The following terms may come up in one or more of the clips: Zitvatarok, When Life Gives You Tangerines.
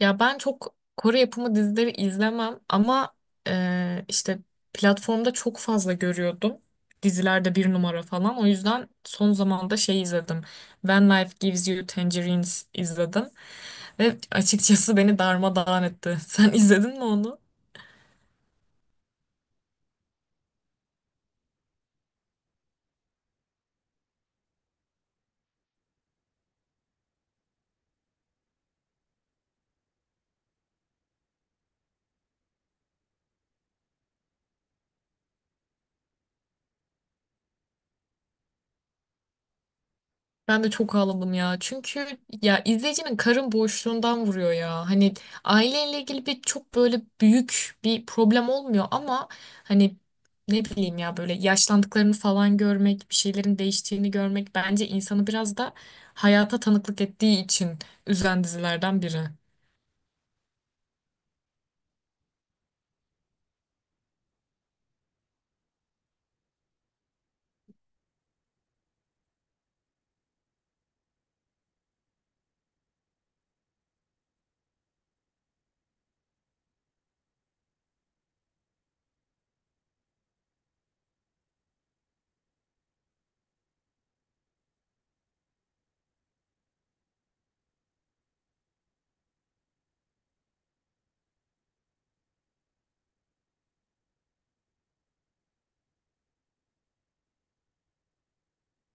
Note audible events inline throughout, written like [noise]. Ya ben çok Kore yapımı dizileri izlemem ama e, işte platformda çok fazla görüyordum. Dizilerde bir numara falan. O yüzden son zamanda şey izledim. When Life Gives You Tangerines izledim. Ve açıkçası beni darmadağın etti. [laughs] Sen izledin mi onu? Ben de çok ağladım ya. Çünkü ya izleyicinin karın boşluğundan vuruyor ya. Hani aileyle ilgili bir çok böyle büyük bir problem olmuyor ama hani ne bileyim ya böyle yaşlandıklarını falan görmek, bir şeylerin değiştiğini görmek bence insanı biraz da hayata tanıklık ettiği için üzen dizilerden biri.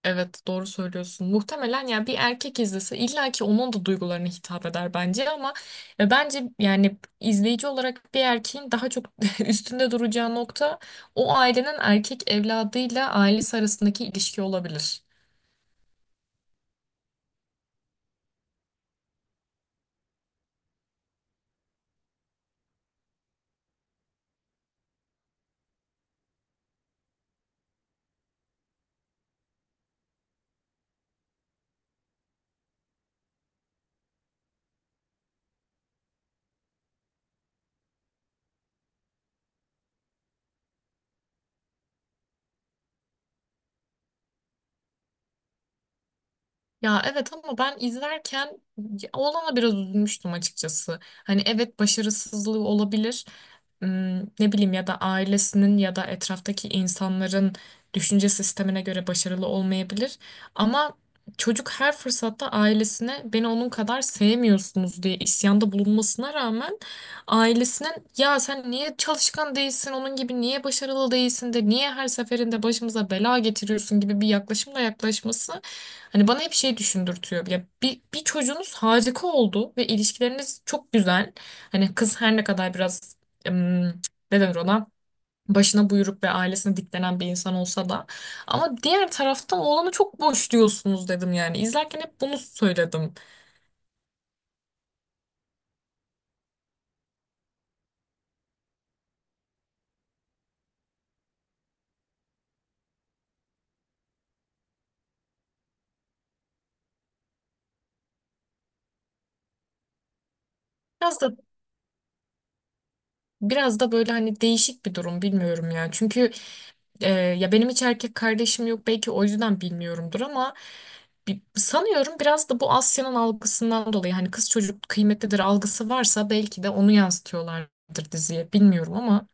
Evet, doğru söylüyorsun. Muhtemelen ya bir erkek izlese illa ki onun da duygularına hitap eder bence ama bence yani izleyici olarak bir erkeğin daha çok [laughs] üstünde duracağı nokta o ailenin erkek evladıyla ailesi arasındaki ilişki olabilir. Ya evet ama ben izlerken ya oğlana biraz üzülmüştüm açıkçası. Hani evet, başarısızlığı olabilir. Hmm. Ne bileyim ya da ailesinin ya da etraftaki insanların düşünce sistemine göre başarılı olmayabilir. Ama çocuk her fırsatta ailesine beni onun kadar sevmiyorsunuz diye isyanda bulunmasına rağmen ailesinin ya sen niye çalışkan değilsin, onun gibi niye başarılı değilsin de niye her seferinde başımıza bela getiriyorsun gibi bir yaklaşımla yaklaşması hani bana hep şey düşündürtüyor. Ya bir çocuğunuz harika oldu ve ilişkileriniz çok güzel. Hani kız her ne kadar biraz em, ne denir ona, başına buyruk ve ailesine diklenen bir insan olsa da ama diğer taraftan oğlanı çok boş diyorsunuz dedim, yani izlerken hep bunu söyledim. Biraz da biraz da böyle hani değişik bir durum, bilmiyorum ya. Çünkü ya benim hiç erkek kardeşim yok, belki o yüzden bilmiyorumdur ama sanıyorum biraz da bu Asya'nın algısından dolayı hani kız çocuk kıymetlidir algısı varsa belki de onu yansıtıyorlardır diziye, bilmiyorum ama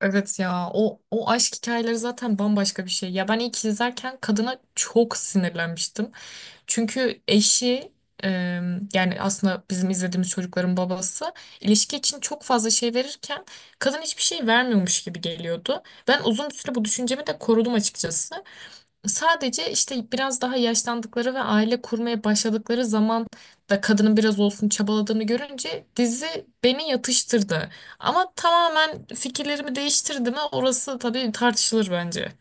evet, ya o aşk hikayeleri zaten bambaşka bir şey. Ya ben ilk izlerken kadına çok sinirlenmiştim. Çünkü eşi, e, yani aslında bizim izlediğimiz çocukların babası, ilişki için çok fazla şey verirken kadın hiçbir şey vermiyormuş gibi geliyordu. Ben uzun bir süre bu düşüncemi de korudum açıkçası. Sadece işte biraz daha yaşlandıkları ve aile kurmaya başladıkları zaman da kadının biraz olsun çabaladığını görünce dizi beni yatıştırdı. Ama tamamen fikirlerimi değiştirdi mi, orası tabii tartışılır bence.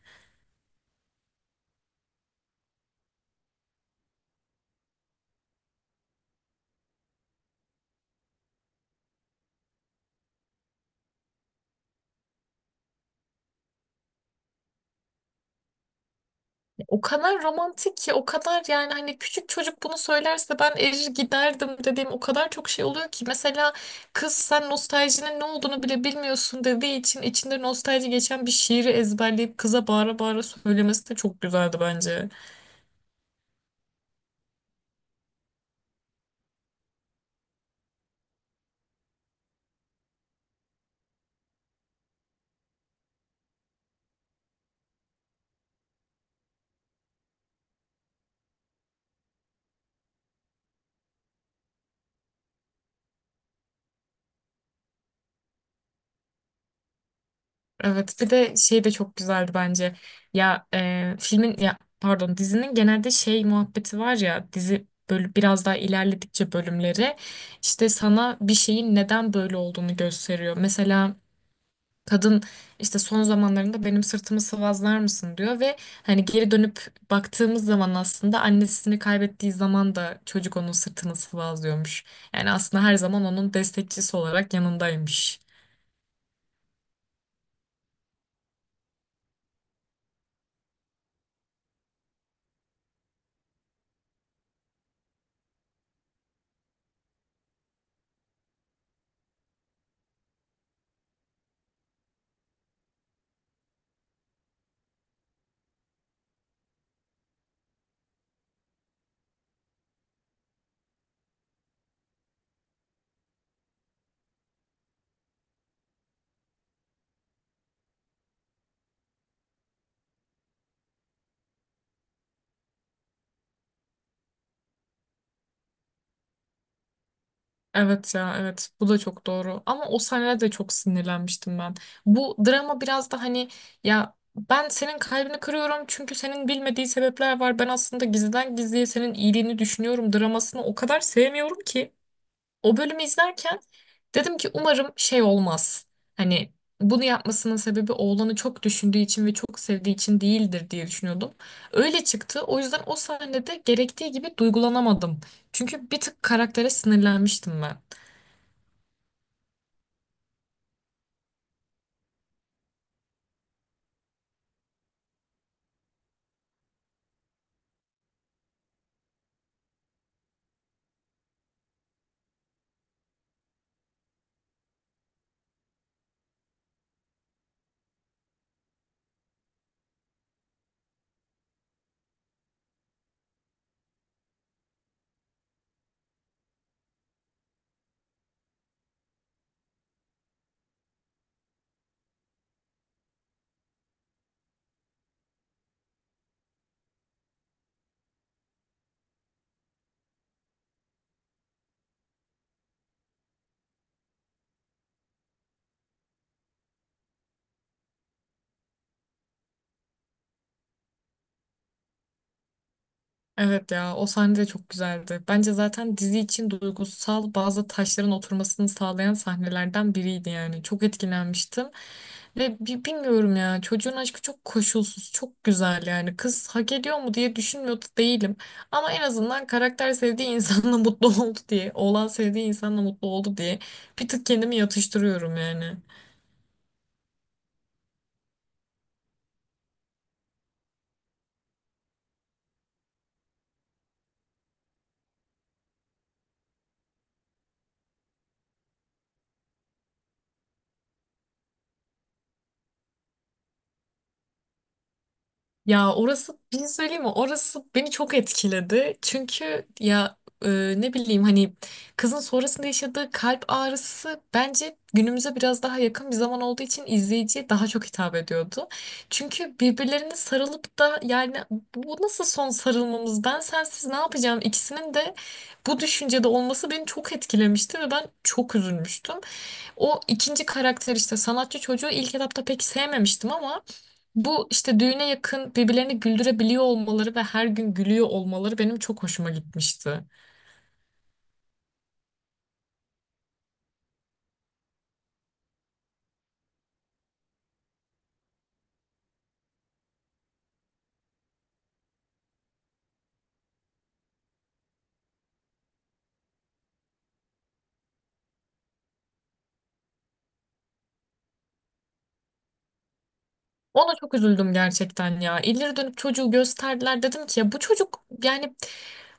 O kadar romantik ki, o kadar yani hani küçük çocuk bunu söylerse ben erir giderdim dediğim o kadar çok şey oluyor ki. Mesela kız sen nostaljinin ne olduğunu bile bilmiyorsun dediği için içinde nostalji geçen bir şiiri ezberleyip kıza bağıra bağıra söylemesi de çok güzeldi bence. Evet, bir de şey de çok güzeldi bence. Ya filmin, ya pardon, dizinin genelde şey muhabbeti var ya, dizi böyle biraz daha ilerledikçe bölümleri işte sana bir şeyin neden böyle olduğunu gösteriyor. Mesela kadın işte son zamanlarında benim sırtımı sıvazlar mısın diyor ve hani geri dönüp baktığımız zaman aslında annesini kaybettiği zaman da çocuk onun sırtını sıvazlıyormuş. Yani aslında her zaman onun destekçisi olarak yanındaymış. Evet ya, evet bu da çok doğru ama o sahnede de çok sinirlenmiştim ben. Bu drama biraz da hani ya ben senin kalbini kırıyorum çünkü senin bilmediği sebepler var. Ben aslında gizliden gizliye senin iyiliğini düşünüyorum dramasını o kadar sevmiyorum ki. O bölümü izlerken dedim ki umarım şey olmaz. Hani bunu yapmasının sebebi oğlanı çok düşündüğü için ve çok sevdiği için değildir diye düşünüyordum. Öyle çıktı. O yüzden o sahnede gerektiği gibi duygulanamadım. Çünkü bir tık karaktere sinirlenmiştim ben. Evet ya, o sahne de çok güzeldi. Bence zaten dizi için duygusal bazı taşların oturmasını sağlayan sahnelerden biriydi yani. Çok etkilenmiştim. Ve bilmiyorum ya, çocuğun aşkı çok koşulsuz, çok güzel yani. Kız hak ediyor mu diye düşünmüyordu değilim. Ama en azından karakter sevdiği insanla [laughs] mutlu oldu diye, oğlan sevdiği insanla mutlu oldu diye bir tık kendimi yatıştırıyorum yani. Ya orası, bir şey söyleyeyim mi? Orası beni çok etkiledi. Çünkü ya e, ne bileyim hani kızın sonrasında yaşadığı kalp ağrısı bence günümüze biraz daha yakın bir zaman olduğu için izleyiciye daha çok hitap ediyordu. Çünkü birbirlerine sarılıp da yani bu nasıl son sarılmamız? Ben sensiz ne yapacağım? İkisinin de bu düşüncede olması beni çok etkilemişti ve ben çok üzülmüştüm. O ikinci karakter, işte sanatçı çocuğu ilk etapta pek sevmemiştim ama bu işte düğüne yakın birbirlerini güldürebiliyor olmaları ve her gün gülüyor olmaları benim çok hoşuma gitmişti. Ona çok üzüldüm gerçekten ya. İleri dönüp çocuğu gösterdiler. Dedim ki ya bu çocuk, yani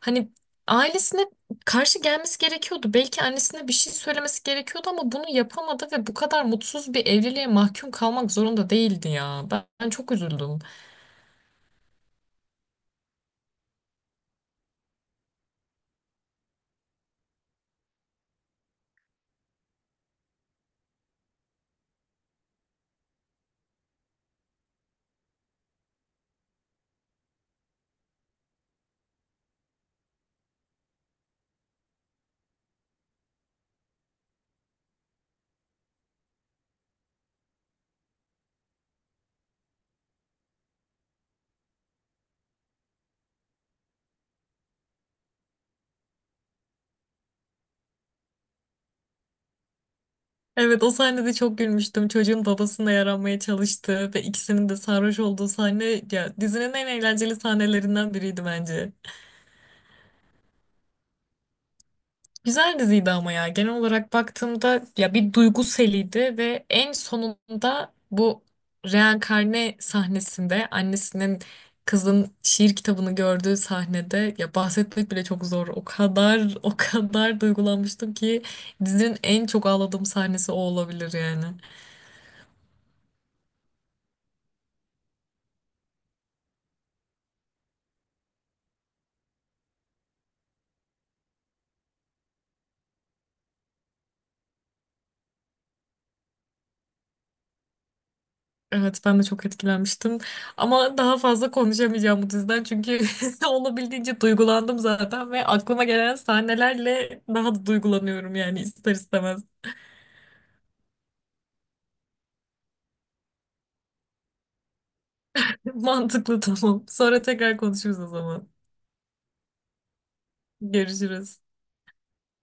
hani ailesine karşı gelmesi gerekiyordu. Belki annesine bir şey söylemesi gerekiyordu ama bunu yapamadı ve bu kadar mutsuz bir evliliğe mahkum kalmak zorunda değildi ya. Ben çok üzüldüm. Evet, o sahnede çok gülmüştüm. Çocuğun babasına yaranmaya çalıştığı ve ikisinin de sarhoş olduğu sahne ya dizinin en eğlenceli sahnelerinden biriydi bence. Güzel diziydi ama ya genel olarak baktığımda ya bir duygu seliydi ve en sonunda bu reenkarne sahnesinde annesinin kızın şiir kitabını gördüğü sahnede ya bahsetmek bile çok zor. O kadar, [laughs] o kadar duygulanmıştım ki dizinin en çok ağladığım sahnesi o olabilir yani. Evet ben de çok etkilenmiştim. Ama daha fazla konuşamayacağım bu diziden çünkü [laughs] olabildiğince duygulandım zaten ve aklıma gelen sahnelerle daha da duygulanıyorum yani ister istemez. [laughs] Mantıklı, tamam. Sonra tekrar konuşuruz o zaman. Görüşürüz.